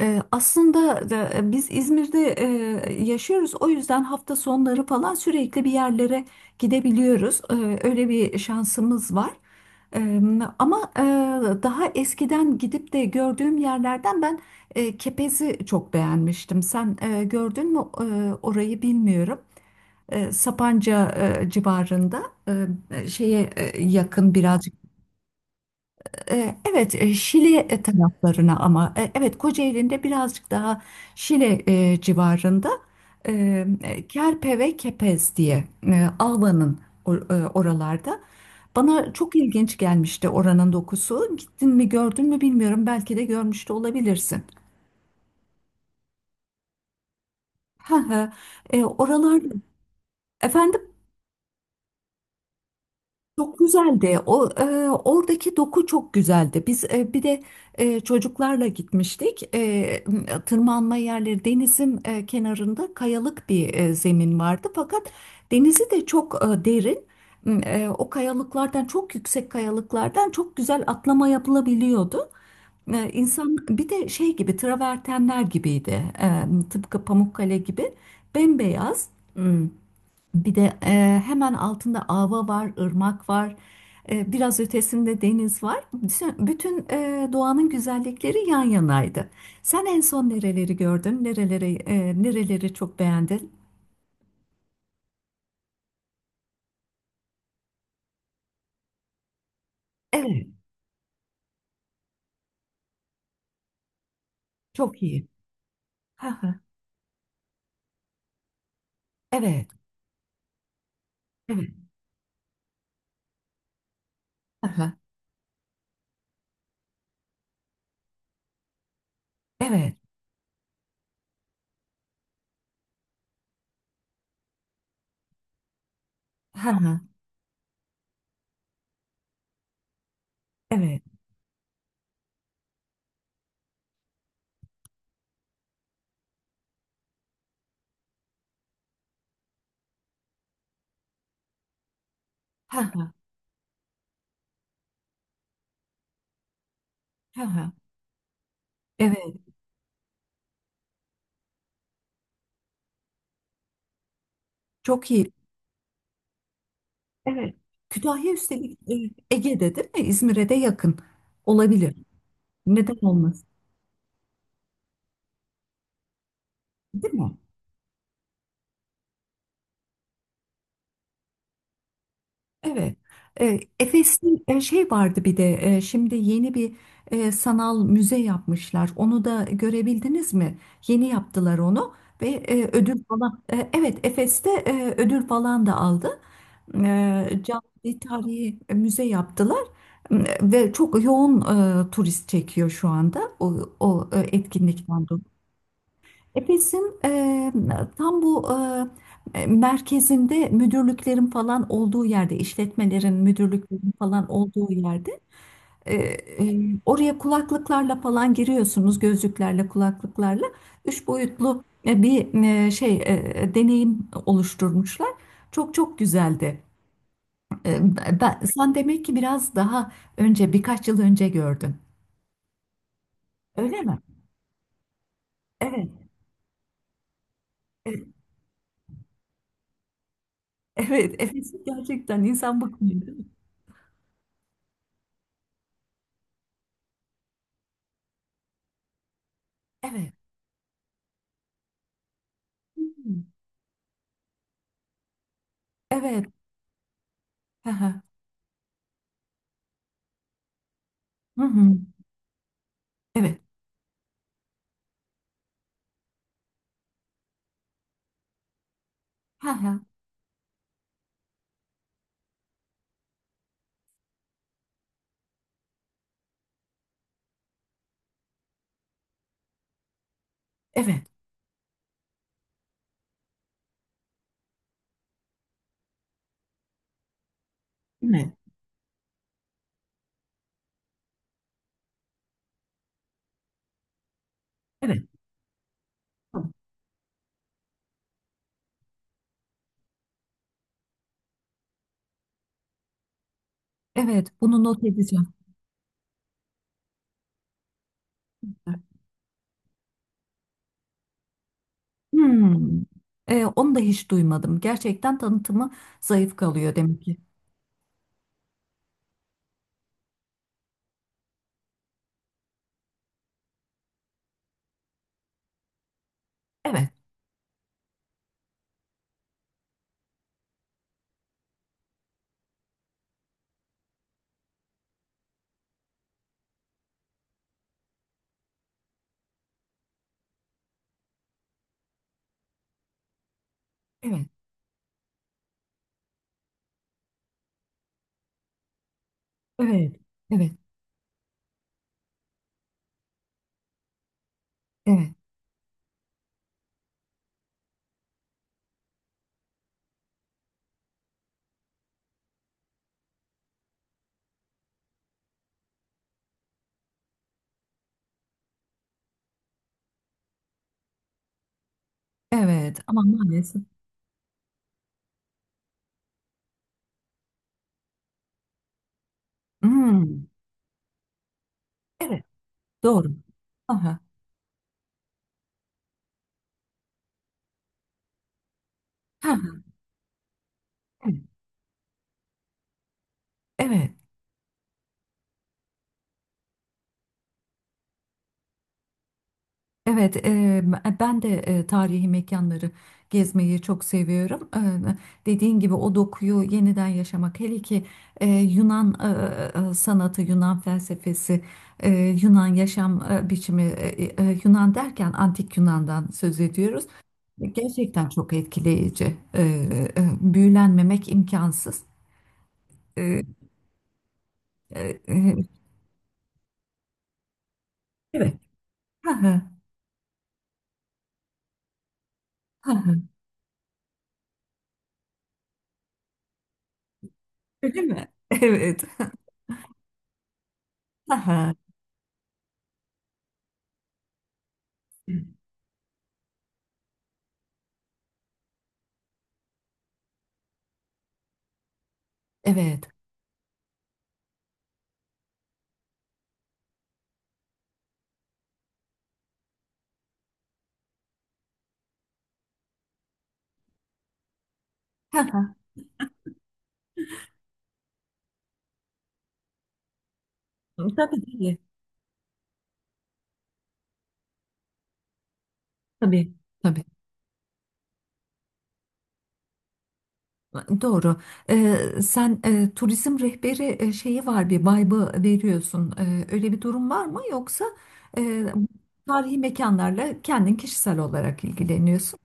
Biz İzmir'de yaşıyoruz. O yüzden hafta sonları falan sürekli bir yerlere gidebiliyoruz. Öyle bir şansımız var. Ee, ama e, daha eskiden gidip de gördüğüm yerlerden ben Kepez'i çok beğenmiştim. Sen gördün mü orayı bilmiyorum. Sapanca civarında, yakın biraz. Evet, Şili taraflarına, ama evet, Kocaeli'nde birazcık daha Şile civarında e, Kerpe ve Kepez diye, Alvan'ın oralarda. Bana çok ilginç gelmişti oranın dokusu. Gittin mi, gördün mü bilmiyorum. Belki de görmüş de olabilirsin. Ha ha. Oralar efendim. Çok güzeldi. O oradaki doku çok güzeldi. Biz bir de çocuklarla gitmiştik. Tırmanma yerleri, denizin kenarında kayalık bir zemin vardı. Fakat denizi de çok derin. O kayalıklardan, çok yüksek kayalıklardan çok güzel atlama yapılabiliyordu. İnsan bir de şey gibi, travertenler gibiydi. Tıpkı Pamukkale gibi bembeyaz. Bir de hemen altında ava var, ırmak var, biraz ötesinde deniz var. Bütün doğanın güzellikleri yan yanaydı. Sen en son nereleri gördün? Nereleri çok beğendin? Evet, çok iyi. Ha ha. Evet, evet. Ha ha. Evet. Ha ha. Evet. Ha ha. Ha ha. Evet. Çok iyi. Evet. Kütahya üstelik Ege'de, değil mi? İzmir'e de yakın olabilir. Neden olmasın? Değil mi? Evet. Efes'in şey vardı, bir de şimdi yeni bir sanal müze yapmışlar. Onu da görebildiniz mi? Yeni yaptılar onu ve ödül falan. Evet, Efes'te ödül falan da aldı. E, Canlı tarihi müze yaptılar. E, Ve çok yoğun turist çekiyor şu anda o etkinlikten. Efes'in tam bu merkezinde, müdürlüklerin falan olduğu yerde, işletmelerin, müdürlüklerin falan olduğu yerde. Oraya kulaklıklarla falan giriyorsunuz, gözlüklerle, kulaklıklarla. Üç boyutlu bir deneyim oluşturmuşlar. Çok çok güzeldi. E, Ben, sen demek ki biraz daha önce, birkaç yıl önce gördün. Öyle mi? Evet. E, Evet, Efes'i gerçekten insan bakmıyor, değil mi? Evet. Evet. Hı hı. Hı hı. Evet. Hı hı. Evet. Evet. Evet. Tamam. Evet. Bunu not edeceğim. Hmm. Onu da hiç duymadım. Gerçekten tanıtımı zayıf kalıyor demek ki. Evet. Evet. Evet. Evet. Evet. Evet. Ama maalesef. Hmm. Evet. Doğru. Aha. Ha. Evet. Evet. Evet, ben de tarihi mekanları gezmeyi çok seviyorum. Dediğin gibi o dokuyu yeniden yaşamak, hele ki Yunan sanatı, Yunan felsefesi, Yunan yaşam biçimi, Yunan derken antik Yunan'dan söz ediyoruz. Gerçekten çok etkileyici. Büyülenmemek imkansız. Eee, eee, eee, evet. Ha ha. Ha ha. Öyle mi? Evet. Ha ha. Evet. Ha ha. Tabii. Tabii, tabii. Doğru. Sen turizm rehberi şeyi var, bir vibe'ı veriyorsun. Öyle bir durum var mı? Yoksa e, tarihi mekanlarla kendin, kişisel olarak ilgileniyorsun.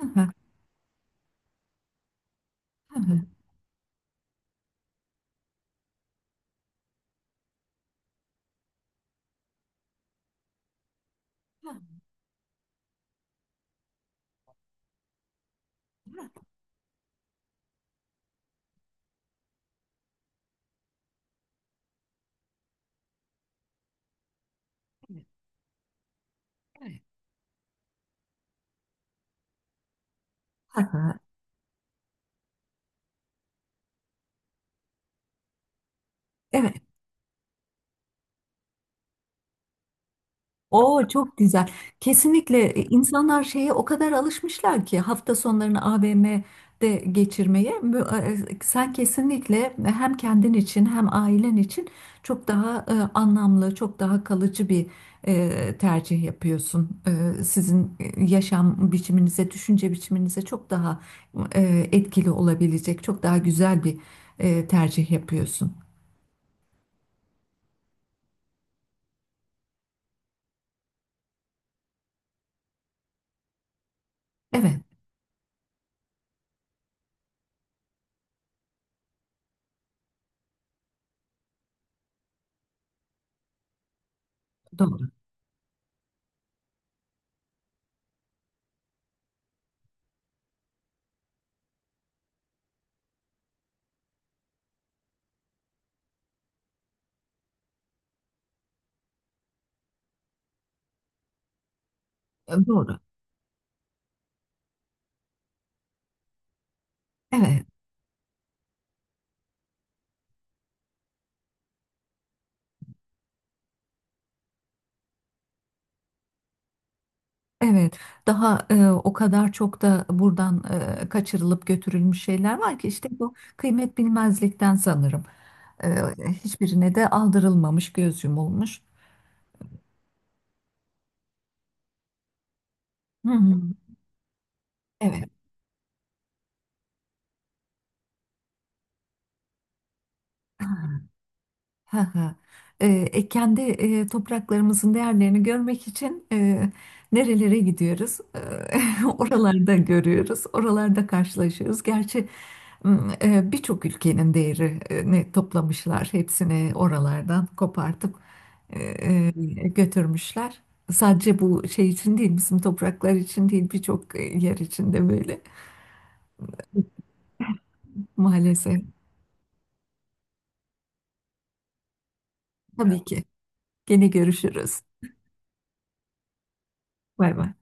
Hı hı, hı hı. Hı hı. Evet, evet. Hı hı. Oo, çok güzel. Kesinlikle insanlar şeye o kadar alışmışlar ki hafta sonlarını AVM'de geçirmeye. Sen kesinlikle hem kendin için hem ailen için çok daha anlamlı, çok daha kalıcı bir tercih yapıyorsun. Sizin yaşam biçiminize, düşünce biçiminize çok daha etkili olabilecek, çok daha güzel bir tercih yapıyorsun. Evet, doğru. Doğru. Evet. Evet, daha o kadar çok da buradan kaçırılıp götürülmüş şeyler var ki, işte bu kıymet bilmezlikten sanırım. E, Hiçbirine de aldırılmamış, göz yumulmuş. Hı hı. Evet. Hı hı. Ee, Kendi topraklarımızın değerlerini görmek için nerelere gidiyoruz? Oralarda görüyoruz, oralarda karşılaşıyoruz. Gerçi birçok ülkenin değerini toplamışlar, hepsini oralardan kopartıp e, e, götürmüşler. Sadece bu şey için değil, bizim topraklar için değil, birçok yer için de böyle maalesef. Tabii ki. Gene görüşürüz. Bay bay.